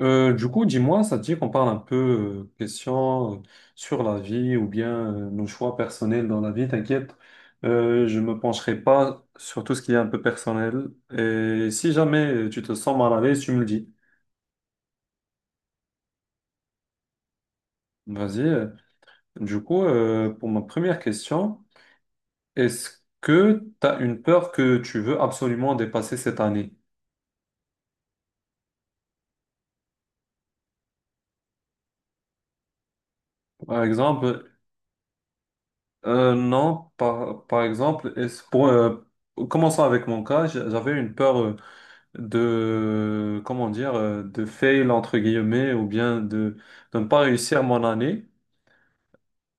Du coup, dis-moi, ça te dit qu'on parle un peu question sur la vie ou bien nos choix personnels dans la vie, t'inquiète, je me pencherai pas sur tout ce qui est un peu personnel. Et si jamais tu te sens mal à l'aise, tu me le dis. Vas-y. Du coup, pour ma première question, est-ce que tu as une peur que tu veux absolument dépasser cette année? Par exemple, non, par exemple, commençons avec mon cas, j'avais une peur. De, comment dire, de fail entre guillemets ou bien de ne pas réussir mon année.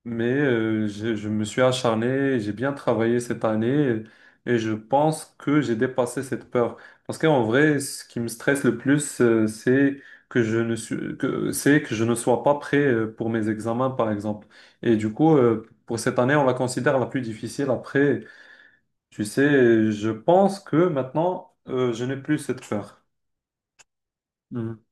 Mais je me suis acharné, j'ai bien travaillé cette année et je pense que j'ai dépassé cette peur. Parce qu'en vrai, ce qui me stresse le plus, c'est que c'est que je ne sois pas prêt pour mes examens, par exemple. Et du coup, pour cette année, on la considère la plus difficile. Après, tu sais, je pense que maintenant, je n'ai plus cette peur. Mhm.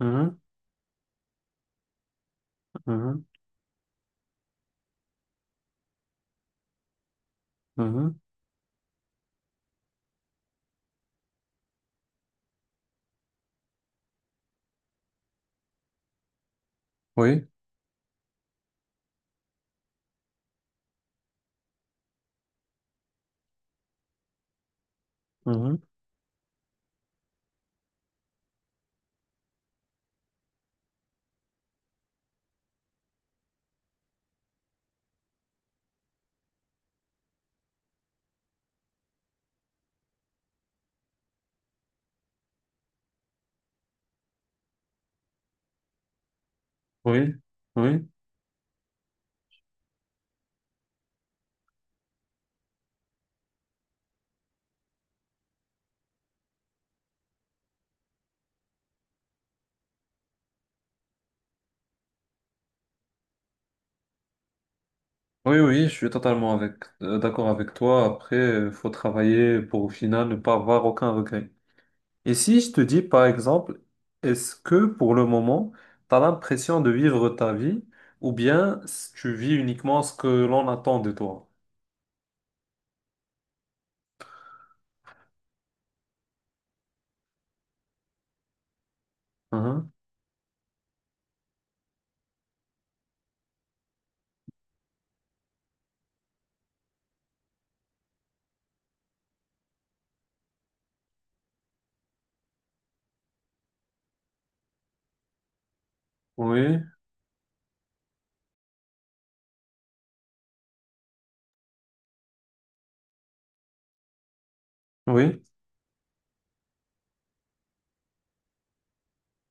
Mhm. Mhm, mhm, oui, mhm, oui, oui, oui, oui, je suis totalement avec, d'accord avec toi. Après, faut travailler pour au final ne pas avoir aucun regret. Et si je te dis, par exemple, est-ce que pour le moment, tu as l'impression de vivre ta vie ou bien tu vis uniquement ce que l'on attend de toi? Mhm, oui, oui, oui,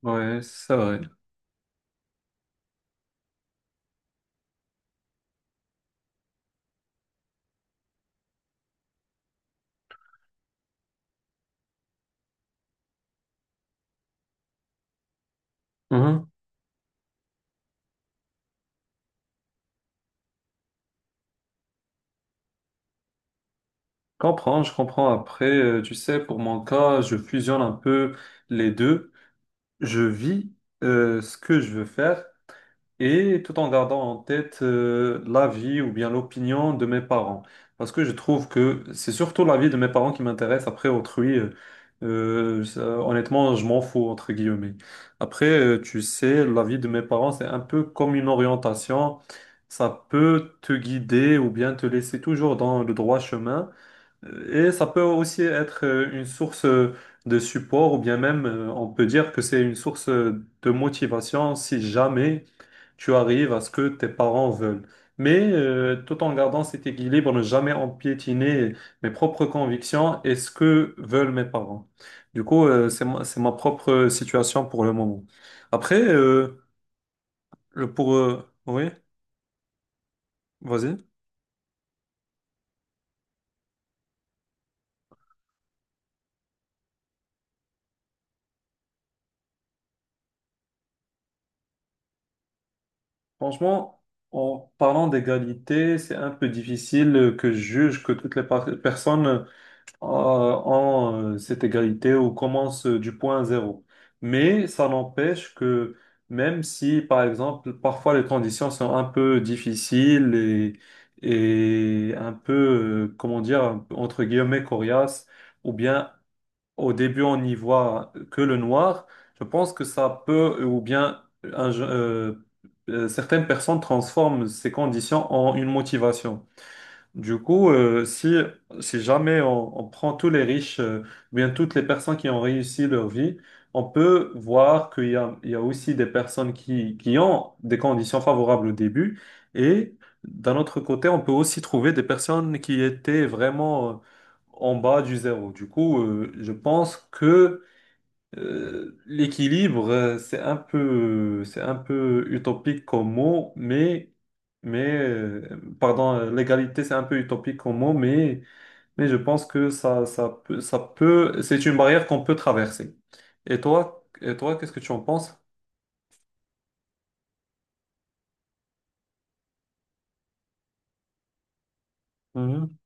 ouais, c'est vrai. Mhm, comprends, je comprends. Après, tu sais, pour mon cas, je fusionne un peu les deux. Je vis ce que je veux faire et tout en gardant en tête l'avis ou bien l'opinion de mes parents. Parce que je trouve que c'est surtout l'avis de mes parents qui m'intéresse. Après, autrui, honnêtement, je m'en fous, entre guillemets. Après, tu sais, l'avis de mes parents, c'est un peu comme une orientation. Ça peut te guider ou bien te laisser toujours dans le droit chemin. Et ça peut aussi être une source de support ou bien même on peut dire que c'est une source de motivation si jamais tu arrives à ce que tes parents veulent. Mais tout en gardant cet équilibre, ne jamais empiétiner mes propres convictions et ce que veulent mes parents. Du coup, c'est ma propre situation pour le moment. Après, oui, vas-y. Franchement, en parlant d'égalité, c'est un peu difficile que je juge que toutes les personnes ont cette égalité ou commencent du point zéro. Mais ça n'empêche que même si, par exemple, parfois les conditions sont un peu difficiles et un peu, comment dire, entre guillemets, coriaces, ou bien au début on n'y voit que le noir, je pense que ça peut ou bien un je- euh, certaines personnes transforment ces conditions en une motivation. Du coup, si jamais on prend tous les riches, ou bien toutes les personnes qui ont réussi leur vie, on peut voir qu'il y a, il y a aussi des personnes qui ont des conditions favorables au début. Et d'un autre côté, on peut aussi trouver des personnes qui étaient vraiment en bas du zéro. Du coup, je pense que l'équilibre, c'est un peu utopique comme mot, mais pardon, l'égalité, c'est un peu utopique comme mot, mais je pense que ça peut, c'est une barrière qu'on peut traverser. Et toi, qu'est-ce que tu en penses? Mhm,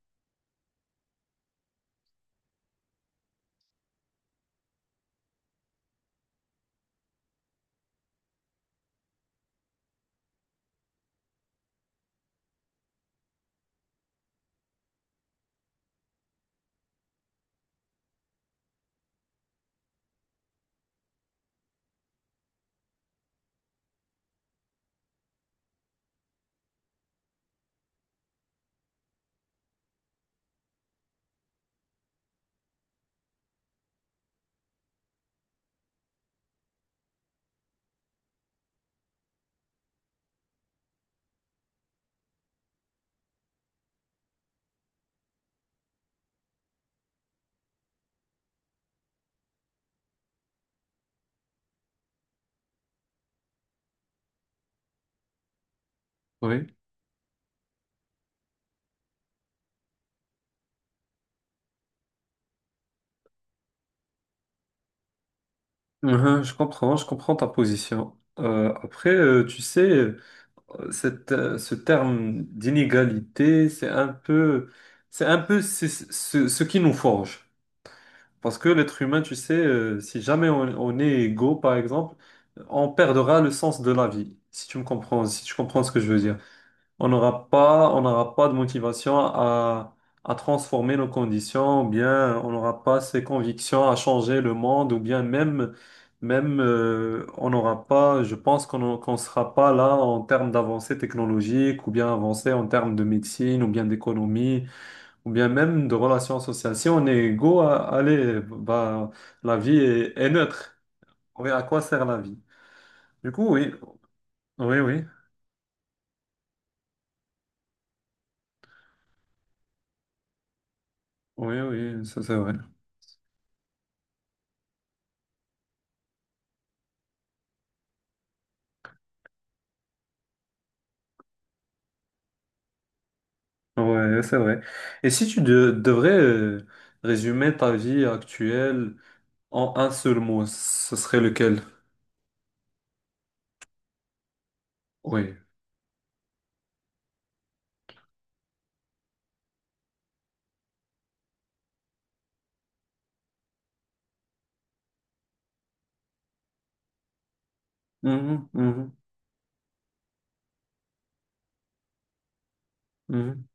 oui, mhm, je comprends ta position. Après, tu sais, ce terme d'inégalité, c'est un peu ce qui nous forge. Parce que l'être humain, tu sais, si jamais on est égaux, par exemple, on perdra le sens de la vie, si tu me comprends, si tu comprends ce que je veux dire. On n'aura pas de motivation à transformer nos conditions, ou bien on n'aura pas ces convictions à changer le monde, ou bien même, même on n'aura pas, je pense qu'on sera pas là en termes d'avancée technologique, ou bien avancée en termes de médecine, ou bien d'économie ou bien même de relations sociales. Si on est égaux, allez, bah, est neutre. Oui, à quoi sert la vie? Du coup, oui, oui, oui, oui, oui, ça c'est vrai. Oui, c'est vrai. Et si tu devrais résumer ta vie actuelle en un seul mot, ce serait lequel? Oui. Mhm, mhm, mhm,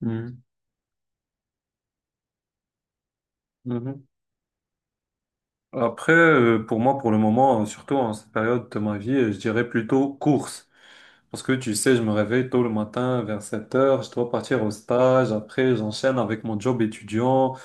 mhm, mhm. Après, pour moi, pour le moment, surtout en cette période de ma vie, je dirais plutôt course. Parce que tu sais, je me réveille tôt le matin vers 7 heures, je dois partir au stage, après j'enchaîne avec mon job étudiant,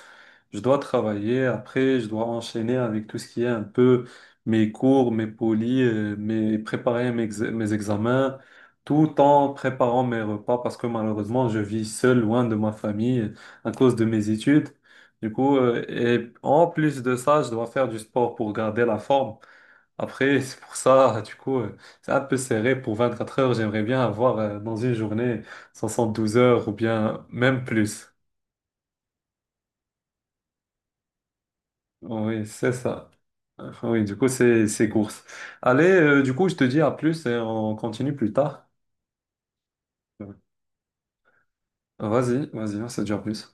je dois travailler, après je dois enchaîner avec tout ce qui est un peu mes cours, mes polis, mes préparer mes examens, tout en préparant mes repas parce que malheureusement je vis seul loin de ma famille à cause de mes études. Du coup, et en plus de ça, je dois faire du sport pour garder la forme. Après, c'est pour ça, du coup, c'est un peu serré pour 24 heures. J'aimerais bien avoir dans une journée 72 heures ou bien même plus. Oui, c'est ça. Oui, du coup, c'est course. Allez, du coup, je te dis à plus et on continue plus tard. Vas-y, vas-y, on se dit à plus.